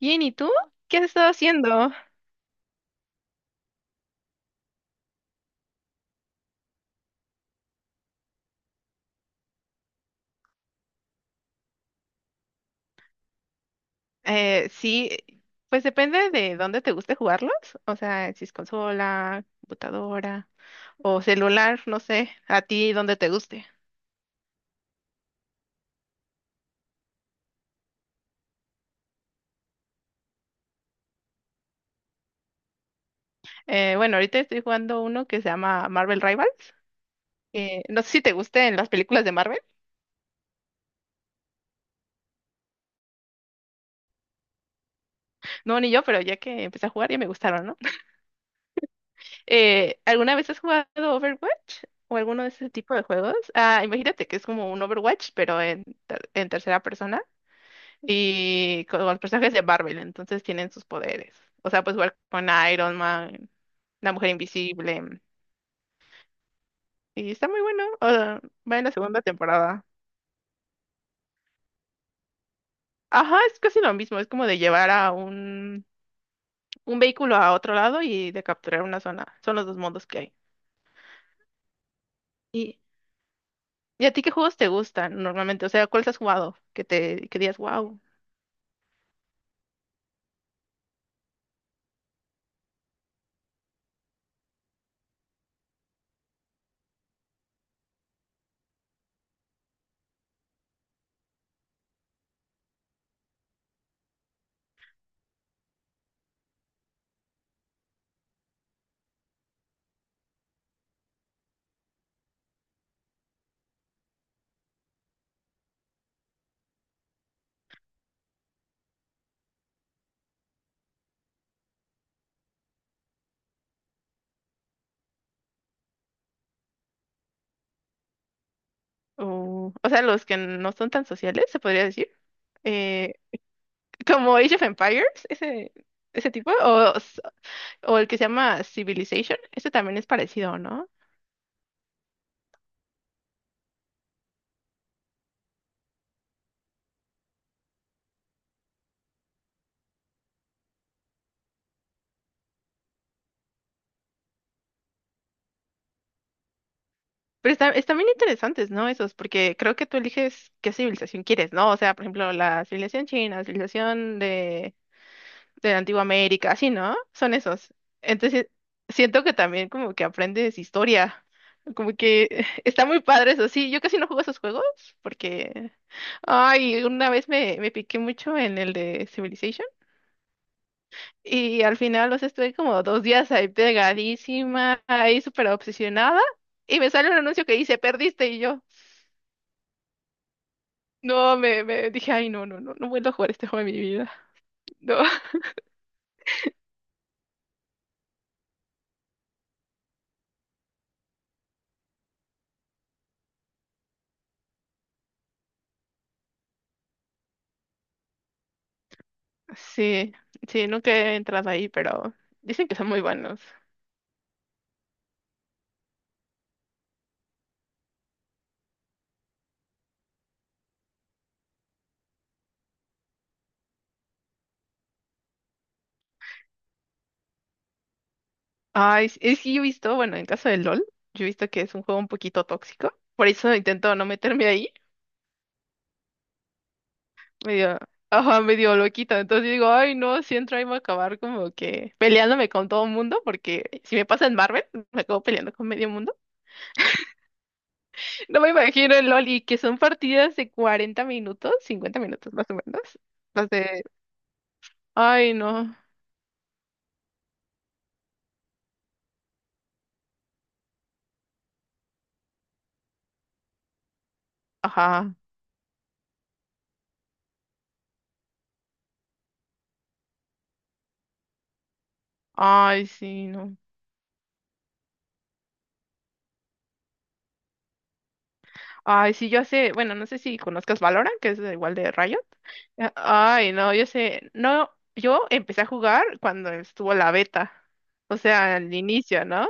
Bien, ¿y tú? ¿Qué has estado haciendo? Sí, pues depende de dónde te guste jugarlos. O sea, si es consola, computadora o celular, no sé, a ti dónde te guste. Bueno, ahorita estoy jugando uno que se llama Marvel Rivals, que no sé si te gusten las películas de Marvel. No, ni yo, pero ya que empecé a jugar ya me gustaron, ¿no? ¿Alguna vez has jugado Overwatch o alguno de ese tipo de juegos? Ah, imagínate que es como un Overwatch, pero en tercera persona, y con los personajes de Marvel, entonces tienen sus poderes. O sea, pues igual con Iron Man, la Mujer Invisible, y está muy bueno. O sea, va en la segunda temporada. Ajá, es casi lo mismo, es como de llevar a un vehículo a otro lado y de capturar una zona. Son los dos modos que hay. ¿Y, y a ti qué juegos te gustan normalmente? O sea, ¿cuáles has jugado? Que te que digas, wow. O sea, los que no son tan sociales, se podría decir. Eh, Como Age of Empires, ese, ese tipo. O el que se llama Civilization. Ese también es parecido, ¿no? Pero están bien interesantes, ¿no? Esos, porque creo que tú eliges qué civilización quieres, ¿no? O sea, por ejemplo, la civilización china, la civilización de la antigua América, así, ¿no? Son esos. Entonces, siento que también como que aprendes historia. Como que está muy padre eso, sí. Yo casi no juego esos juegos porque, ay, una vez me piqué mucho en el de Civilization. Y al final, los sea, estuve como 2 días ahí pegadísima, ahí súper obsesionada. Y me sale un anuncio que dice, perdiste. Y yo, no, me dije, ay, no, no, no, no vuelvo a jugar este juego en mi vida. No. Sí, sí, nunca he entrado ahí, pero dicen que son muy buenos. Ay, es que yo he visto, bueno, en caso del LOL, yo he visto que es un juego un poquito tóxico. Por eso intento no meterme ahí. Medio, ajá, medio loquito. Entonces digo, ay, no, si entro ahí voy a acabar como que peleándome con todo el mundo, porque si me pasa en Marvel, me acabo peleando con medio mundo. No me imagino en LOL y que son partidas de 40 minutos, 50 minutos más o menos. Las de, ay, no, ajá, ay, sí, no. Ay, sí, yo sé, bueno, no sé si conozcas Valorant, que es igual de Riot. Ay, no, yo sé, no, yo empecé a jugar cuando estuvo la beta, o sea, al inicio, ¿no?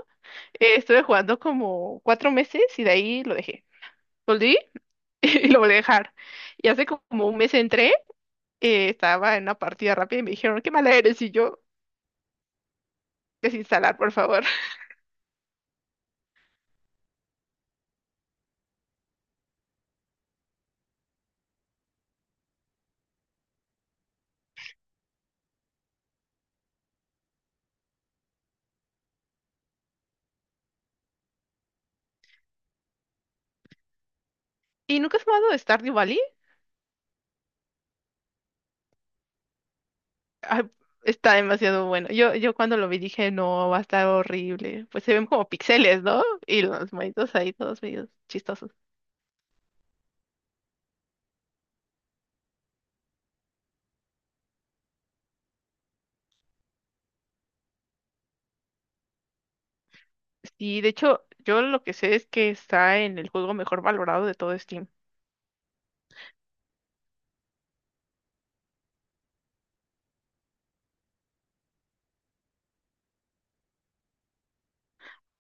Estuve jugando como 4 meses y de ahí lo dejé. Volví y lo volví a dejar. Y hace como un mes entré, estaba en una partida rápida y me dijeron, qué mala eres, y yo, desinstalar, por favor. ¿Y nunca has jugado Stardew Valley? Ah, está demasiado bueno. Yo cuando lo vi dije, no, va a estar horrible. Pues se ven como píxeles, ¿no? Y los monitos ahí todos medio chistosos. Sí, de hecho, yo lo que sé es que está en el juego mejor valorado de todo Steam.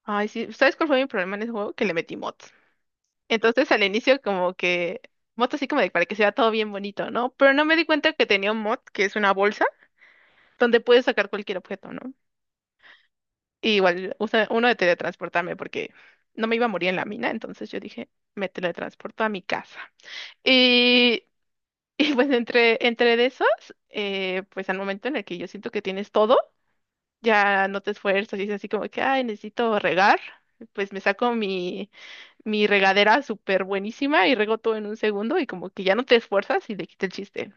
Ay, sí, ¿sabes cuál fue mi problema en ese juego? Que le metí mods. Entonces al inicio como que mod así como de para que se vea todo bien bonito, ¿no? Pero no me di cuenta que tenía un mod que es una bolsa donde puedes sacar cualquier objeto, ¿no? Y igual usa uno de teletransportarme porque no me iba a morir en la mina, entonces yo dije, me teletransporto a mi casa. Y, y pues entre de esos, pues al momento en el que yo siento que tienes todo, ya no te esfuerzas y es así como que, ay, necesito regar, pues me saco mi regadera súper buenísima y rego todo en un segundo y como que ya no te esfuerzas y le quita el chiste.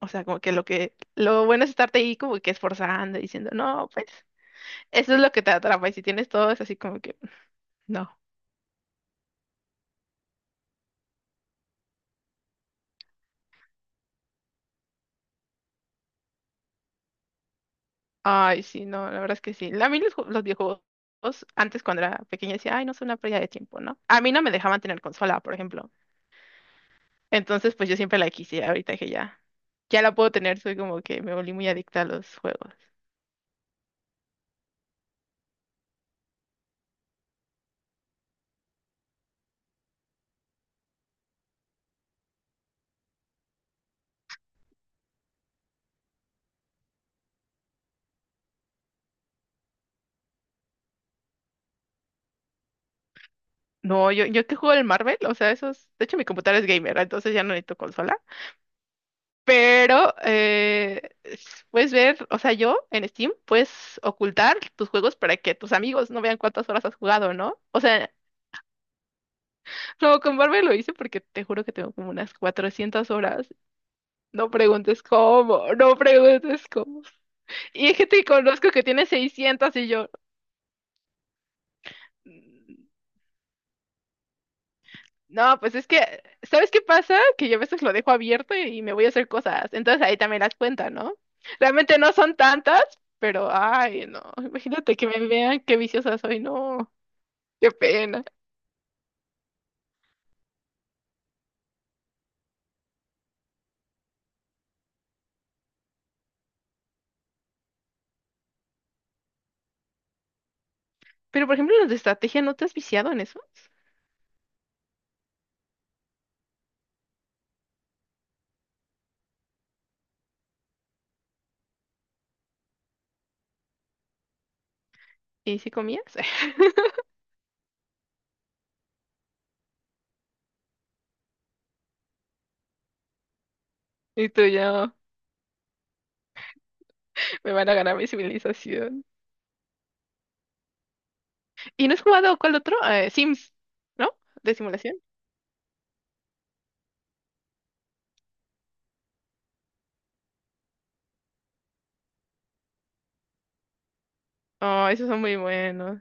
O sea, como que lo bueno es estarte ahí como que esforzando, diciendo, no, pues, eso es lo que te atrapa. Y si tienes todo, es así como que, no. Ay, sí, no, la verdad es que sí. A mí los videojuegos, antes cuando era pequeña decía, ay, no, es una pérdida de tiempo, ¿no? A mí no me dejaban tener consola, por ejemplo. Entonces, pues yo siempre la quise, ahorita que ya. Ya la puedo tener, soy como que me volví muy adicta a los juegos. No, yo que juego el Marvel, o sea, eso es, de hecho mi computadora es gamer, entonces ya no necesito consola, pero puedes ver, o sea, yo en Steam puedes ocultar tus juegos para que tus amigos no vean cuántas horas has jugado, ¿no? O sea, no, con Marvel lo hice porque te juro que tengo como unas 400 horas, no preguntes cómo, no preguntes cómo. Y hay gente que conozco que tiene 600 y yo... No, pues es que, ¿sabes qué pasa? Que yo a veces lo dejo abierto y me voy a hacer cosas. Entonces ahí también las cuenta, ¿no? Realmente no son tantas, pero ay, no. Imagínate que me vean qué viciosa soy, no. Qué pena. Pero por ejemplo, los de estrategia, ¿no te has viciado en esos? ¿Y si comías? Y tú ya me van a ganar mi civilización. ¿Y no has jugado cuál otro? Sims, ¿no? De simulación. Oh, esos son muy buenos.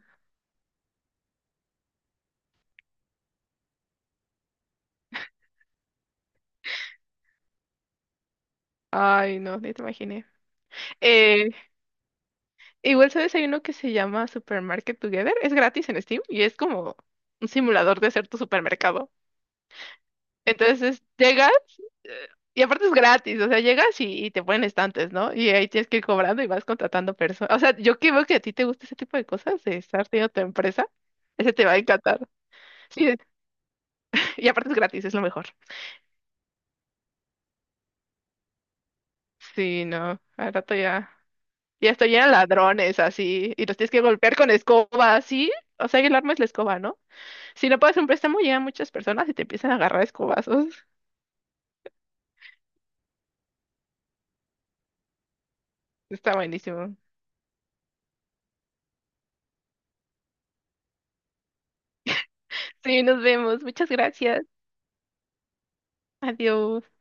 Ay, no, ni te imaginé. Eh, Igual, ¿sabes? Hay uno que se llama Supermarket Together. Es gratis en Steam y es como un simulador de ser tu supermercado. Entonces llegas eh, y aparte es gratis. O sea, llegas y te ponen estantes, ¿no? Y ahí tienes que ir cobrando y vas contratando personas. O sea, yo que veo que a ti te gusta ese tipo de cosas, de estar teniendo tu empresa, ese te va a encantar. Sí, y aparte es gratis, es lo mejor. Sí, no. Al rato ya. Ya estoy llena de ladrones así y los tienes que golpear con escoba, así. O sea, y el arma es la escoba, ¿no? Si no pagas un préstamo, llegan muchas personas y te empiezan a agarrar a escobazos. Está buenísimo. Sí, nos vemos. Muchas gracias. Adiós.